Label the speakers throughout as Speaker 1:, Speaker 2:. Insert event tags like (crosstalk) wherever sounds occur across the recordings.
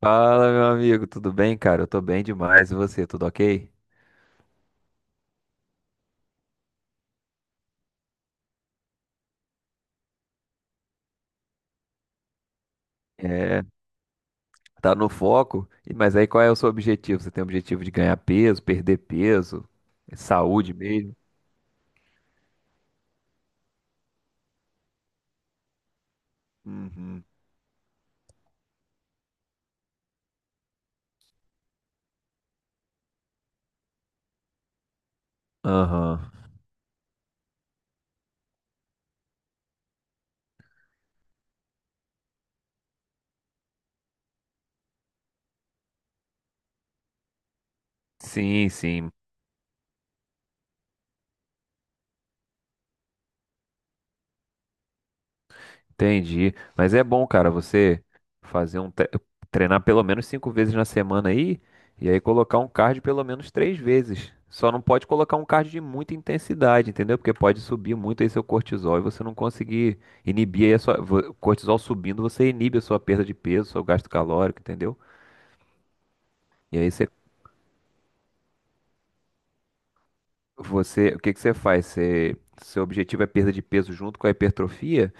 Speaker 1: Fala, meu amigo, tudo bem, cara? Eu tô bem demais. E você, tudo ok? É, tá no foco. Mas aí qual é o seu objetivo? Você tem o objetivo de ganhar peso, perder peso, saúde mesmo? Uhum. Aham. Sim, sim. Entendi. Mas é bom, cara, você fazer um tre- treinar pelo menos cinco vezes na semana aí e aí colocar um cardio pelo menos três vezes. Só não pode colocar um cardio de muita intensidade, entendeu? Porque pode subir muito aí seu cortisol e você não conseguir inibir aí a sua cortisol subindo, você inibe a sua perda de peso, seu gasto calórico, entendeu? E aí você. Você, o que que você faz? Você, seu objetivo é perda de peso junto com a hipertrofia?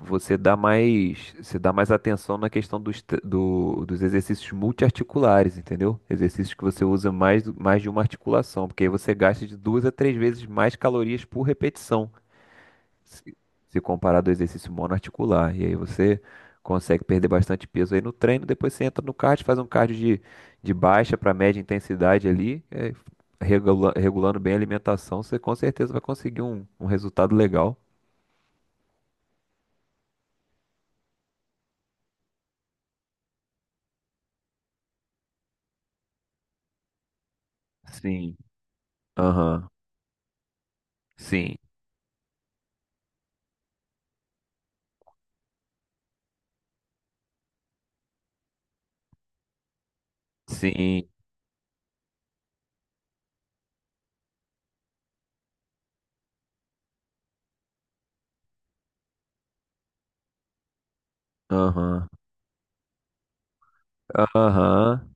Speaker 1: Você dá mais atenção na questão dos, dos exercícios multiarticulares, entendeu? Exercícios que você usa mais, mais de uma articulação, porque aí você gasta de duas a três vezes mais calorias por repetição se, se comparado ao exercício monoarticular. E aí você consegue perder bastante peso aí no treino, depois você entra no cardio, faz um cardio de baixa para média intensidade ali, regulando bem a alimentação, você com certeza vai conseguir um, um resultado legal. Sim, aham, sim, sim, aham, aham.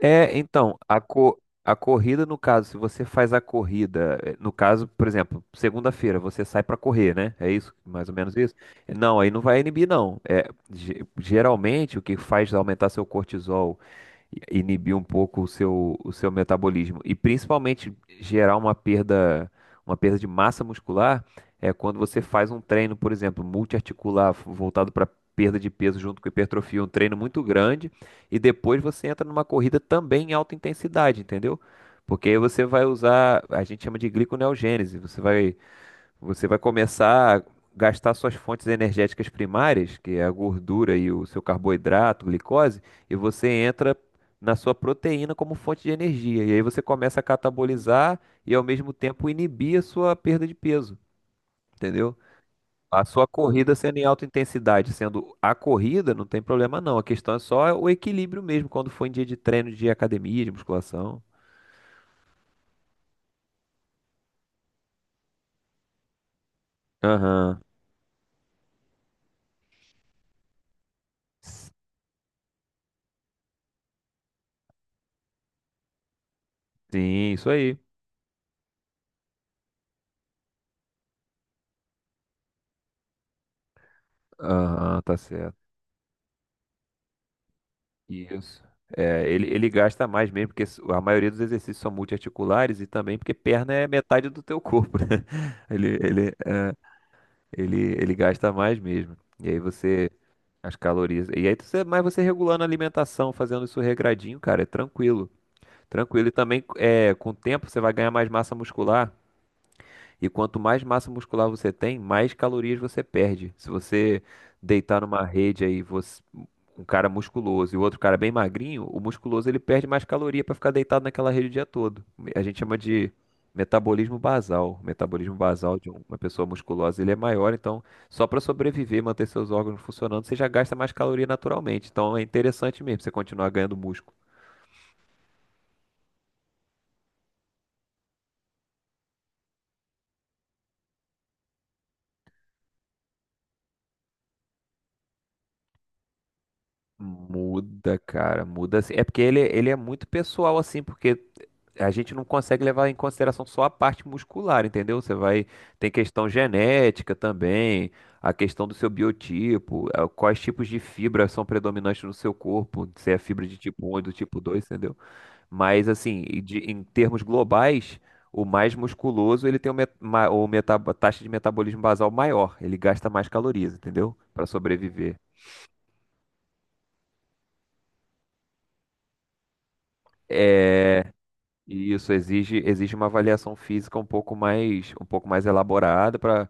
Speaker 1: É, então, a corrida, no caso, se você faz a corrida, no caso, por exemplo, segunda-feira, você sai pra correr, né? É isso, mais ou menos isso? Não, aí não vai inibir, não. É, geralmente, o que faz aumentar seu cortisol inibir um pouco o seu metabolismo. E principalmente gerar uma perda de massa muscular é quando você faz um treino, por exemplo, multiarticular, voltado para perda de peso junto com hipertrofia, um treino muito grande, e depois você entra numa corrida também em alta intensidade, entendeu? Porque aí você vai usar, a gente chama de gliconeogênese, você vai começar a gastar suas fontes energéticas primárias, que é a gordura e o seu carboidrato, glicose, e você entra na sua proteína como fonte de energia. E aí você começa a catabolizar e ao mesmo tempo inibir a sua perda de peso, entendeu? A sua corrida sendo em alta intensidade, sendo a corrida, não tem problema não. A questão é só o equilíbrio mesmo, quando for em dia de treino, de academia, de musculação. Aham. Sim, isso aí. Aham, tá certo. Isso. É, ele gasta mais mesmo, porque a maioria dos exercícios são multiarticulares e também porque perna é metade do teu corpo, né? (laughs) Ele, ele, ele gasta mais mesmo. E aí você, as calorias. E aí você, mas você regulando a alimentação, fazendo isso regradinho, cara, é tranquilo. Tranquilo. E também, é, com o tempo, você vai ganhar mais massa muscular. E quanto mais massa muscular você tem, mais calorias você perde. Se você deitar numa rede aí, um cara musculoso e o outro cara bem magrinho, o musculoso ele perde mais caloria para ficar deitado naquela rede o dia todo. A gente chama de metabolismo basal. O metabolismo basal uma pessoa musculosa, ele é maior, então só para sobreviver, manter seus órgãos funcionando, você já gasta mais caloria naturalmente. Então é interessante mesmo você continuar ganhando músculo. Muda, cara, muda. Assim, é porque ele é muito pessoal, assim, porque a gente não consegue levar em consideração só a parte muscular, entendeu? Você vai. Tem questão genética também, a questão do seu biotipo, quais tipos de fibras são predominantes no seu corpo, se é fibra de tipo um e do tipo dois, entendeu? Mas, assim, em termos globais, o mais musculoso ele tem o taxa de metabolismo basal maior, ele gasta mais calorias, entendeu? Para sobreviver. É, e isso exige uma avaliação física um pouco mais elaborada para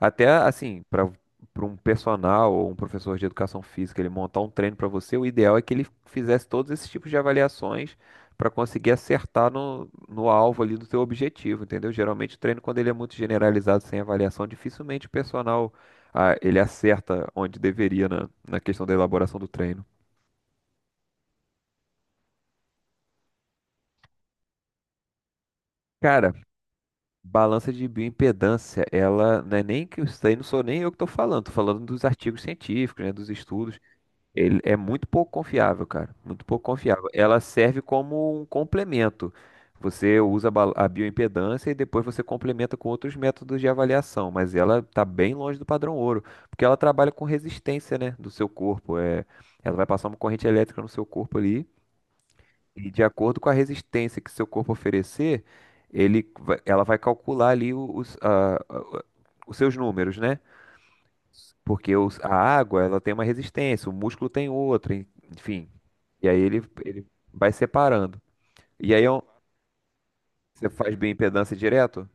Speaker 1: até assim, para para um personal ou um professor de educação física ele montar um treino para você, o ideal é que ele fizesse todos esses tipos de avaliações para conseguir acertar no alvo ali do teu objetivo, entendeu? Geralmente o treino quando ele é muito generalizado sem avaliação, dificilmente o personal ah, ele acerta onde deveria na questão da elaboração do treino. Cara, balança de bioimpedância, ela não é nem que isso daí não sou nem eu que estou falando dos artigos científicos, né, dos estudos. Ele é muito pouco confiável, cara, muito pouco confiável. Ela serve como um complemento. Você usa a bioimpedância e depois você complementa com outros métodos de avaliação, mas ela está bem longe do padrão ouro, porque ela trabalha com resistência, né, do seu corpo. É, ela vai passar uma corrente elétrica no seu corpo ali e de acordo com a resistência que seu corpo oferecer, ela vai calcular ali os seus números, né? Porque a água, ela tem uma resistência, o músculo tem outra, enfim. E aí ele vai separando. E aí é um- você faz bioimpedância direto?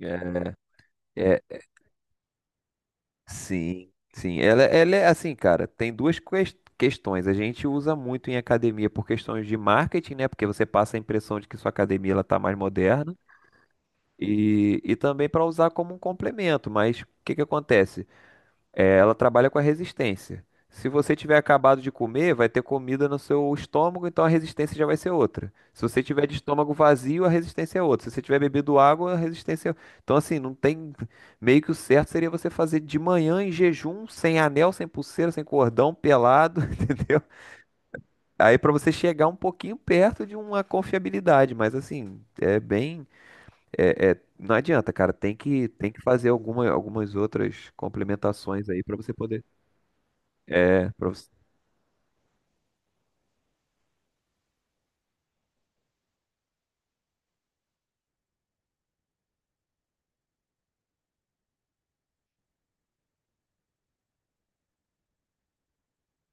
Speaker 1: É, é, sim, sim. Ela é assim, cara, tem duas questões. A gente usa muito em academia por questões de marketing, né? Porque você passa a impressão de que sua academia ela tá mais moderna. E também para usar como um complemento, mas o que que acontece? É, ela trabalha com a resistência. Se você tiver acabado de comer, vai ter comida no seu estômago, então a resistência já vai ser outra. Se você tiver de estômago vazio, a resistência é outra. Se você tiver bebido água, a resistência é outra. Então, assim, não tem. Meio que o certo seria você fazer de manhã em jejum, sem anel, sem pulseira, sem cordão, pelado, (laughs) entendeu? Aí para você chegar um pouquinho perto de uma confiabilidade, mas assim, é bem. É, é, não adianta, cara. Tem que fazer algumas outras complementações aí pra você poder. É, pra você...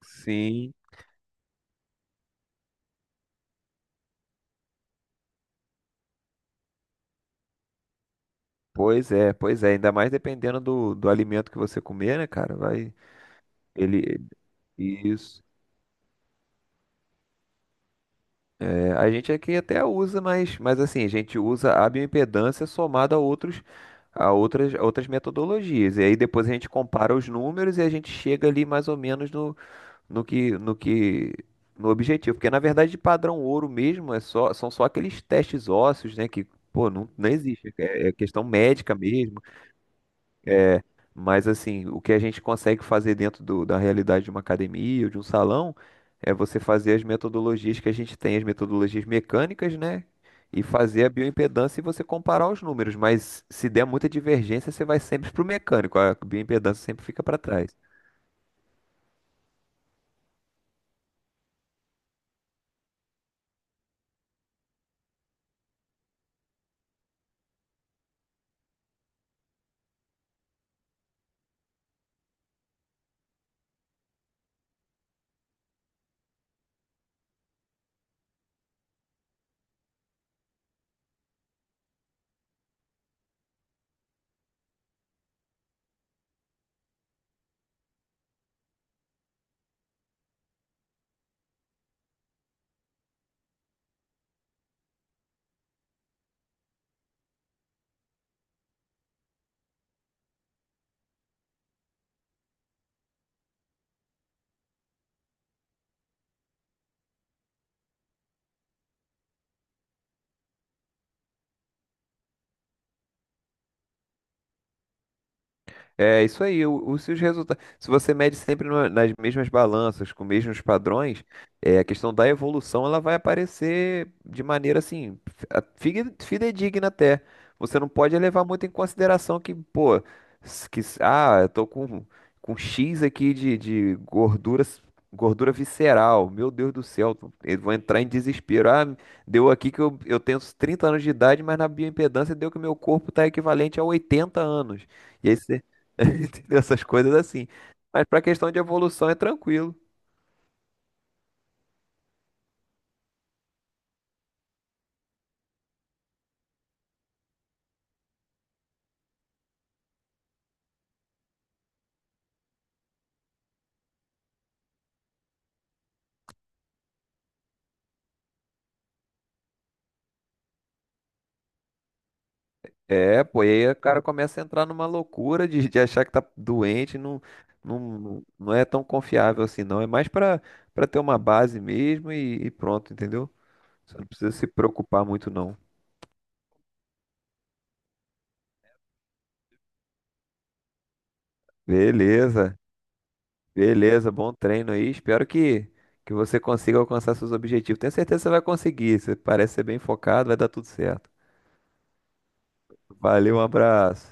Speaker 1: Sim, pois é, pois é. Ainda mais dependendo do alimento que você comer, né, cara? Vai. Ele. Isso. É, a gente aqui até usa, mas assim, a gente usa a bioimpedância somada a outros, a outras metodologias. E aí depois a gente compara os números e a gente chega ali mais ou menos no no que, no que, no objetivo, porque na verdade de padrão ouro mesmo é só, são só aqueles testes ósseos, né, que pô, não, não existe, é, é questão médica mesmo, mas assim, o que a gente consegue fazer dentro da realidade de uma academia ou de um salão é você fazer as metodologias que a gente tem, as metodologias mecânicas, né? E fazer a bioimpedância e você comparar os números, mas se der muita divergência, você vai sempre pro mecânico, a bioimpedância sempre fica para trás. É isso aí, se resultados. Se você mede sempre nas mesmas balanças, com os mesmos padrões, é, a questão da evolução ela vai aparecer de maneira assim, fidedigna até. Você não pode levar muito em consideração que, pô, eu tô com X aqui de gordura, gordura visceral. Meu Deus do céu, eu vou entrar em desespero. Ah, deu aqui que eu tenho 30 anos de idade, mas na bioimpedância deu que meu corpo está equivalente a 80 anos. (laughs) Entendeu? Essas coisas assim. Mas pra questão de evolução é tranquilo. É, pô, e aí o cara começa a entrar numa loucura de achar que tá doente, não, não, não é tão confiável assim, não. É mais pra, pra ter uma base mesmo e pronto, entendeu? Você não precisa se preocupar muito, não. Beleza, beleza, bom treino aí. Espero que você consiga alcançar seus objetivos. Tenho certeza que você vai conseguir. Você parece ser bem focado, vai dar tudo certo. Valeu, um abraço.